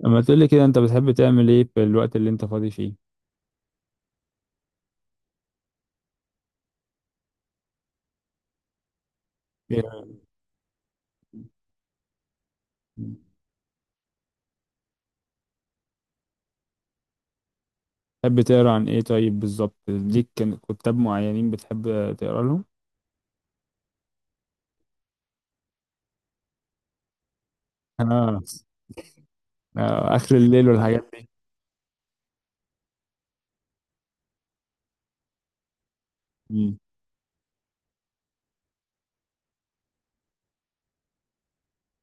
لما تقولي كده، انت بتحب تعمل ايه في الوقت اللي انت فاضي فيه؟ يعني بتحب تقرا عن ايه طيب بالظبط؟ ليك كتاب معينين بتحب تقرا لهم؟ اه. اخر الليل والحاجات دي. مم.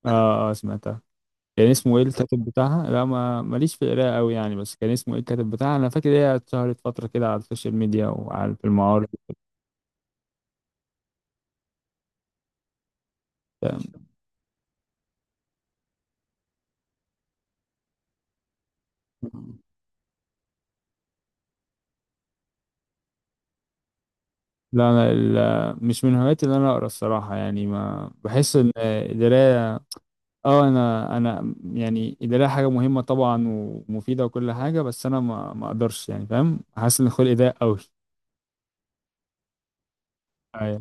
اه سمعتها. كان اسمه ايه الكاتب بتاعها؟ لا، ما ماليش في القراءة قوي يعني، بس كان اسمه ايه الكاتب بتاعها؟ انا فاكر هي اتشهرت فترة كده على السوشيال ميديا وعلى في المعارض. وبتاع. لا انا مش من هواياتي ان انا اقرا الصراحة، يعني ما بحس ان القراية. اه، انا يعني القرايه حاجه مهمه طبعا ومفيده وكل حاجه، بس انا ما اقدرش يعني، فاهم؟ حاسس ان خلقي ضيق قوي. اي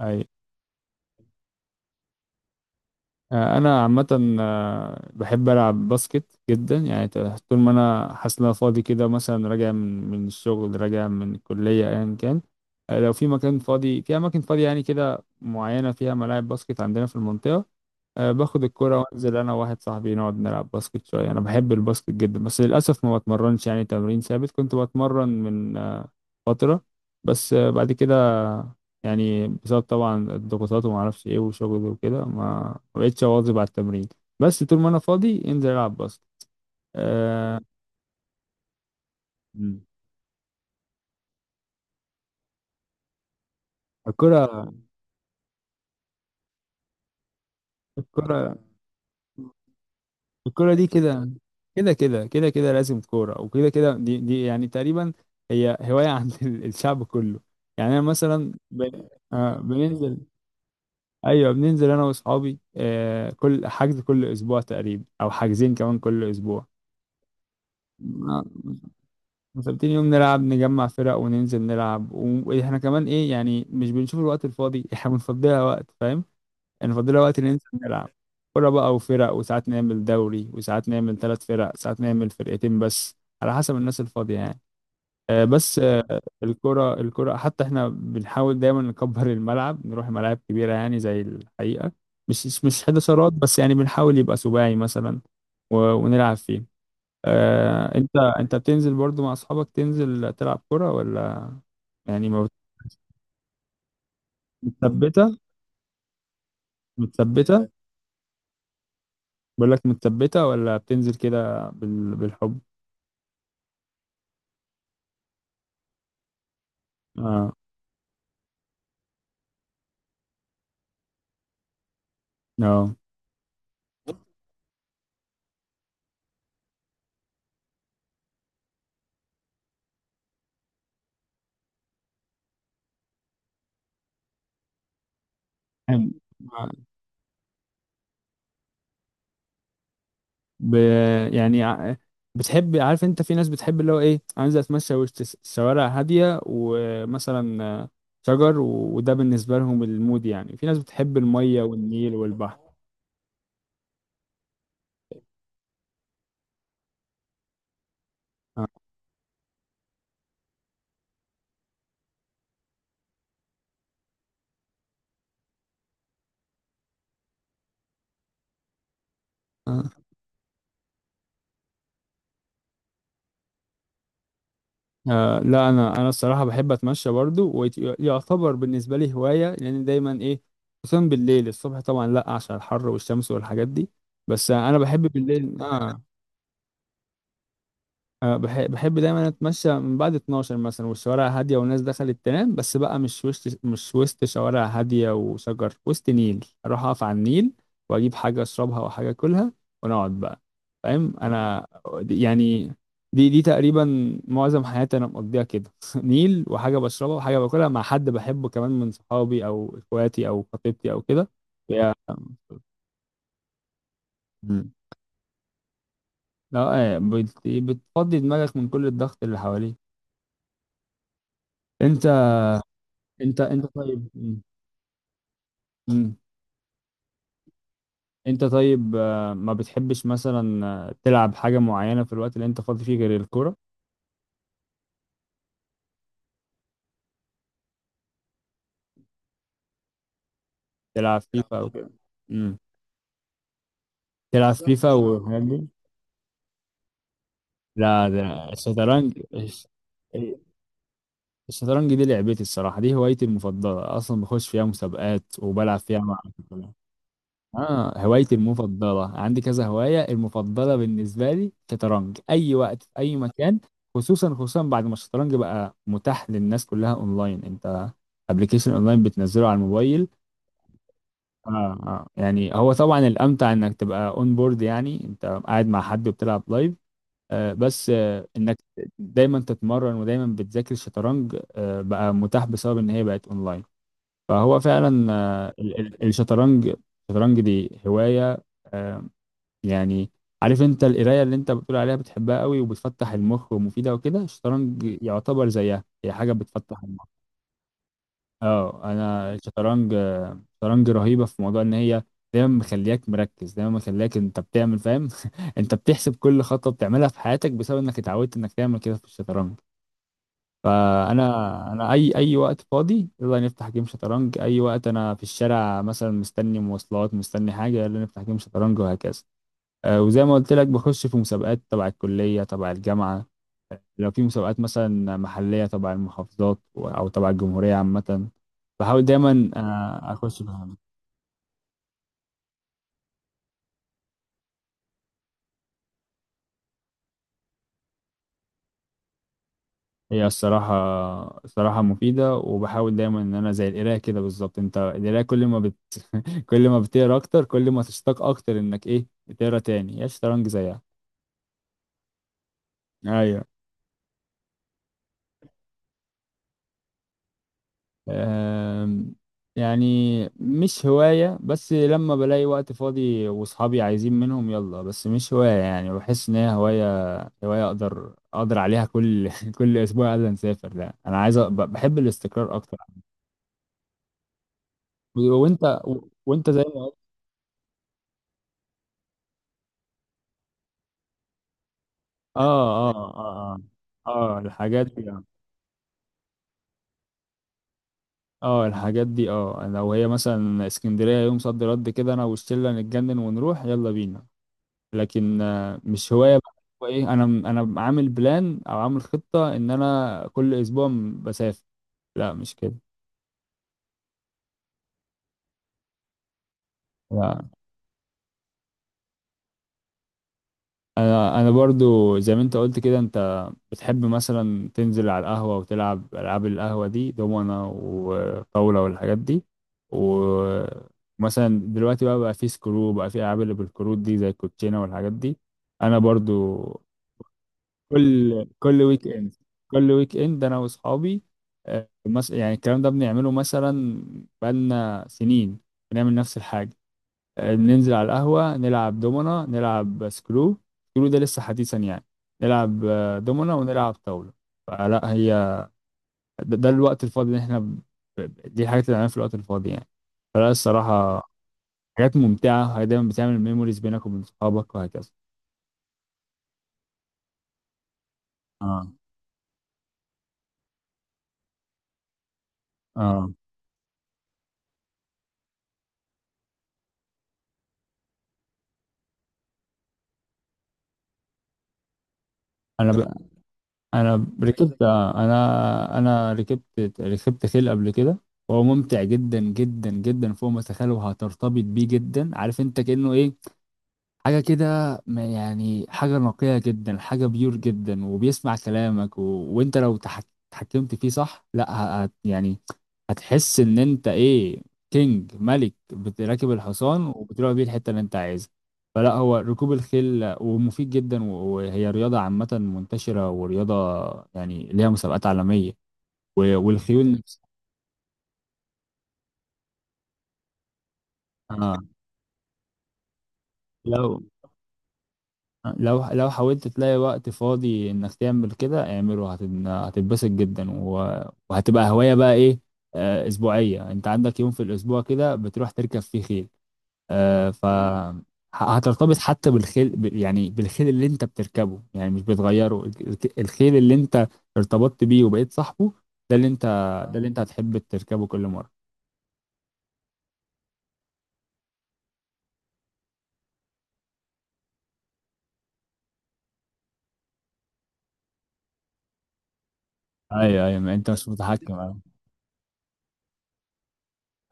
اي. انا عامه، بحب العب باسكت جدا يعني. طول ما انا حاسس ان انا فاضي كده، مثلا راجع من الشغل، راجع من الكليه، ايا كان، لو في مكان فاضي، في اماكن فاضيه يعني كده معينه فيها ملاعب باسكت عندنا في المنطقه، أه باخد الكرة وانزل انا وواحد صاحبي نقعد نلعب باسكت شوية. انا بحب الباسكت جدا، بس للاسف ما بتمرنش يعني تمرين ثابت. كنت بتمرن من فترة، بس بعد كده يعني بسبب طبعا الضغوطات وما اعرفش ايه وشغل وكده ما بقتش اواظب على التمرين. بس طول ما انا فاضي انزل العب باسكت. أه. مم. الكرة الكرة الكرة دي كده، كده كده كده كده لازم كورة، وكده كده، دي دي يعني تقريبا هي هواية عند الشعب كله يعني. أنا مثلا بننزل. أيوه بننزل أنا وأصحابي، كل حجز كل أسبوع تقريبا، أو حاجزين كمان كل أسبوع. ما- مثبتين يوم نلعب، نجمع فرق وننزل نلعب، وإحنا كمان إيه يعني، مش بنشوف الوقت الفاضي، إحنا بنفضيها وقت، فاهم؟ يعني فاضلها وقت ننزل نلعب كورة بقى وفرق. وساعات نعمل دوري، وساعات نعمل ثلاث فرق، ساعات نعمل فرقتين، بس على حسب الناس الفاضية يعني. بس، الكرة الكرة حتى احنا بنحاول دايما نكبر الملعب، نروح ملاعب كبيرة يعني زي الحقيقة. مش حداشرات، بس يعني بنحاول يبقى سباعي مثلا ونلعب فيه. انت بتنزل برضو مع اصحابك تنزل تلعب كرة ولا يعني ما متثبتة؟ متثبتة؟ بقول لك، متثبتة ولا بتنزل كده بالحب؟ اه اه بحب- ب... يعني بتحب؟ عارف انت في ناس بتحب اللي هو ايه، عايزه اتمشى وسط شوارع هاديه ومثلا شجر وده بالنسبه لهم المود يعني. في ناس بتحب الميه والنيل والبحر. آه. آه. آه. لا، انا الصراحه بحب اتمشى برضو، ويعتبر بالنسبه لي هوايه، لان دايما ايه، خصوصا بالليل. الصبح طبعا لا، عشان الحر والشمس والحاجات دي، بس انا بحب بالليل اه. بحب دايما اتمشى من بعد 12 مثلا، والشوارع هاديه والناس دخلت تنام، بس بقى مش وسط شوارع هاديه وشجر، وسط نيل، اروح اقف على النيل، واجيب حاجه اشربها وحاجه اكلها ونقعد بقى، فاهم انا؟ يعني دي تقريبا معظم حياتي انا مقضيها كده نيل وحاجه بشربها وحاجه باكلها مع حد بحبه كمان، من صحابي او اخواتي او خطيبتي او كده. يا- مم. لا، بتفضي دماغك من كل الضغط اللي حواليك انت. انت طيب. مم. مم. انت طيب، ما بتحبش مثلا تلعب حاجة معينة في الوقت اللي انت فاضي فيه غير الكورة؟ تلعب لا فيفا او طبعا. مم. تلعب لا فيفا والحاجات دي؟ لا ده الشطرنج، الشطرنج دي لعبتي الصراحة، دي هوايتي المفضلة اصلا، بخش فيها مسابقات وبلعب فيها مع. اه، هوايتي المفضلة عندي كذا هواية، المفضلة بالنسبة لي شطرنج، أي وقت في أي مكان. خصوصا خصوصا بعد ما الشطرنج بقى متاح للناس كلها أونلاين، أنت أبلكيشن أونلاين بتنزله على الموبايل. آه, يعني هو طبعا الأمتع إنك تبقى أون بورد، يعني أنت قاعد مع حد وبتلعب لايف. بس، إنك دايما تتمرن ودايما بتذاكر الشطرنج. بقى متاح بسبب إن هي بقت أونلاين. فهو فعلا الشطرنج، الشطرنج دي هواية، آه، يعني. عارف انت القرايه اللي انت بتقول عليها بتحبها قوي وبتفتح المخ ومفيده وكده؟ الشطرنج يعتبر زيها، هي حاجه بتفتح المخ. اه، انا الشطرنج، الشطرنج رهيبه في موضوع ان هي دايما مخلياك مركز، دايما مخلياك انت بتعمل، فاهم؟ انت بتحسب كل خطوه بتعملها في حياتك بسبب انك اتعودت انك تعمل كده في الشطرنج. فانا، اي اي وقت فاضي يلا نفتح جيم شطرنج، اي وقت انا في الشارع مثلا مستني مواصلات مستني حاجه يلا نفتح جيم شطرنج، وهكذا. وزي ما قلت لك، بخش في مسابقات تبع الكلية، تبع الجامعة، لو في مسابقات مثلا محلية تبع المحافظات أو تبع الجمهورية عامة، بحاول دايما أخش فيها. هي الصراحة، الصراحة مفيدة، وبحاول دايما إن أنا زي القراية كده بالظبط. أنت القراية كل ما كل ما بتقرا أكتر، كل ما تشتاق أكتر إنك إيه، تقرا تاني. هي الشطرنج زيها. أيوه. آم، يعني مش هواية، بس لما بلاقي وقت فاضي وصحابي عايزين منهم يلا. بس مش هواية، يعني بحس ان هي هواية، هواية اقدر عليها كل كل اسبوع قبل نسافر. لا، انا عايز بحب الاستقرار اكتر. وانت وانت زي ما اه. اه. اه. اه. اه. الحاجات دي اه، الحاجات دي اه لو هي مثلا اسكندرية يوم صد رد كده، انا والشلة نتجنن ونروح يلا بينا، لكن مش هواية بقى. هو ايه انا، انا عامل بلان او عامل خطة ان انا كل اسبوع بسافر؟ لا مش كده. لا، انا برضو زي ما انت قلت كده، انت بتحب مثلا تنزل على القهوة وتلعب العاب القهوة دي، دومنة وطاولة والحاجات دي. ومثلا دلوقتي بقى في سكرو، بقى في العاب اللي بالكروت دي زي الكوتشينة والحاجات دي. انا برضو كل ويك اند، كل ويك اند انا واصحابي، يعني الكلام ده بنعمله مثلا بقالنا سنين. بنعمل نفس الحاجه، بننزل على القهوه نلعب دومنا نلعب سكرو. سكرو ده لسه حديثا يعني. نلعب دومنا ونلعب طاوله. فلا هي، ده الوقت الفاضي اللي احنا دي الحاجات اللي بنعملها في الوقت الفاضي يعني. فلا الصراحه، حاجات ممتعه، هي دايما بتعمل ميموريز بينك وبين صحابك وهكذا. اه اه انا ب... انا ركبت انا انا ركبت ركبت خيل قبل كده، وهو ممتع جدا جدا جدا، فوق ما تتخيل، وهترتبط بيه جدا. عارف انت كأنه ايه، حاجة كده، يعني حاجة نقية جدا، حاجة بيور جدا، وبيسمع كلامك وانت لو اتحكمت فيه صح، لا يعني هتحس ان انت ايه، كينج، ملك، بتراكب الحصان وبتروح بيه الحتة اللي انت عايزها. فلا هو ركوب الخيل، ومفيد جدا، وهي رياضة عامة منتشرة، ورياضة يعني ليها مسابقات عالمية، والخيول نفسها. آه. لو لو حاولت تلاقي وقت فاضي انك تعمل كده، اعمله، هتتبسط جدا، وهتبقى هواية بقى ايه، اسبوعية. انت عندك يوم في الاسبوع كده بتروح تركب فيه خيل، آه، ف مم. هترتبط حتى بالخيل، يعني بالخيل اللي انت بتركبه، يعني مش بتغيره. الخيل اللي انت ارتبطت بيه وبقيت صاحبه، ده اللي انت ده، آه، اللي انت هتحب تركبه كل مرة. ايوه ايوه، ما انت مش، طب متحكم. ايوه.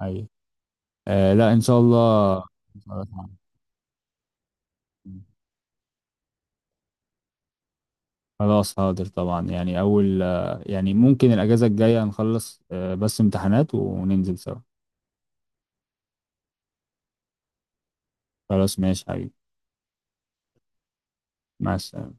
ايوه، لا ان شاء الله. إن شاء الله تعمل. خلاص، هقدر طبعا يعني اول يعني ممكن الاجازة الجاية نخلص، بس امتحانات وننزل سوا. خلاص ماشي حبيبي. مع السلامة.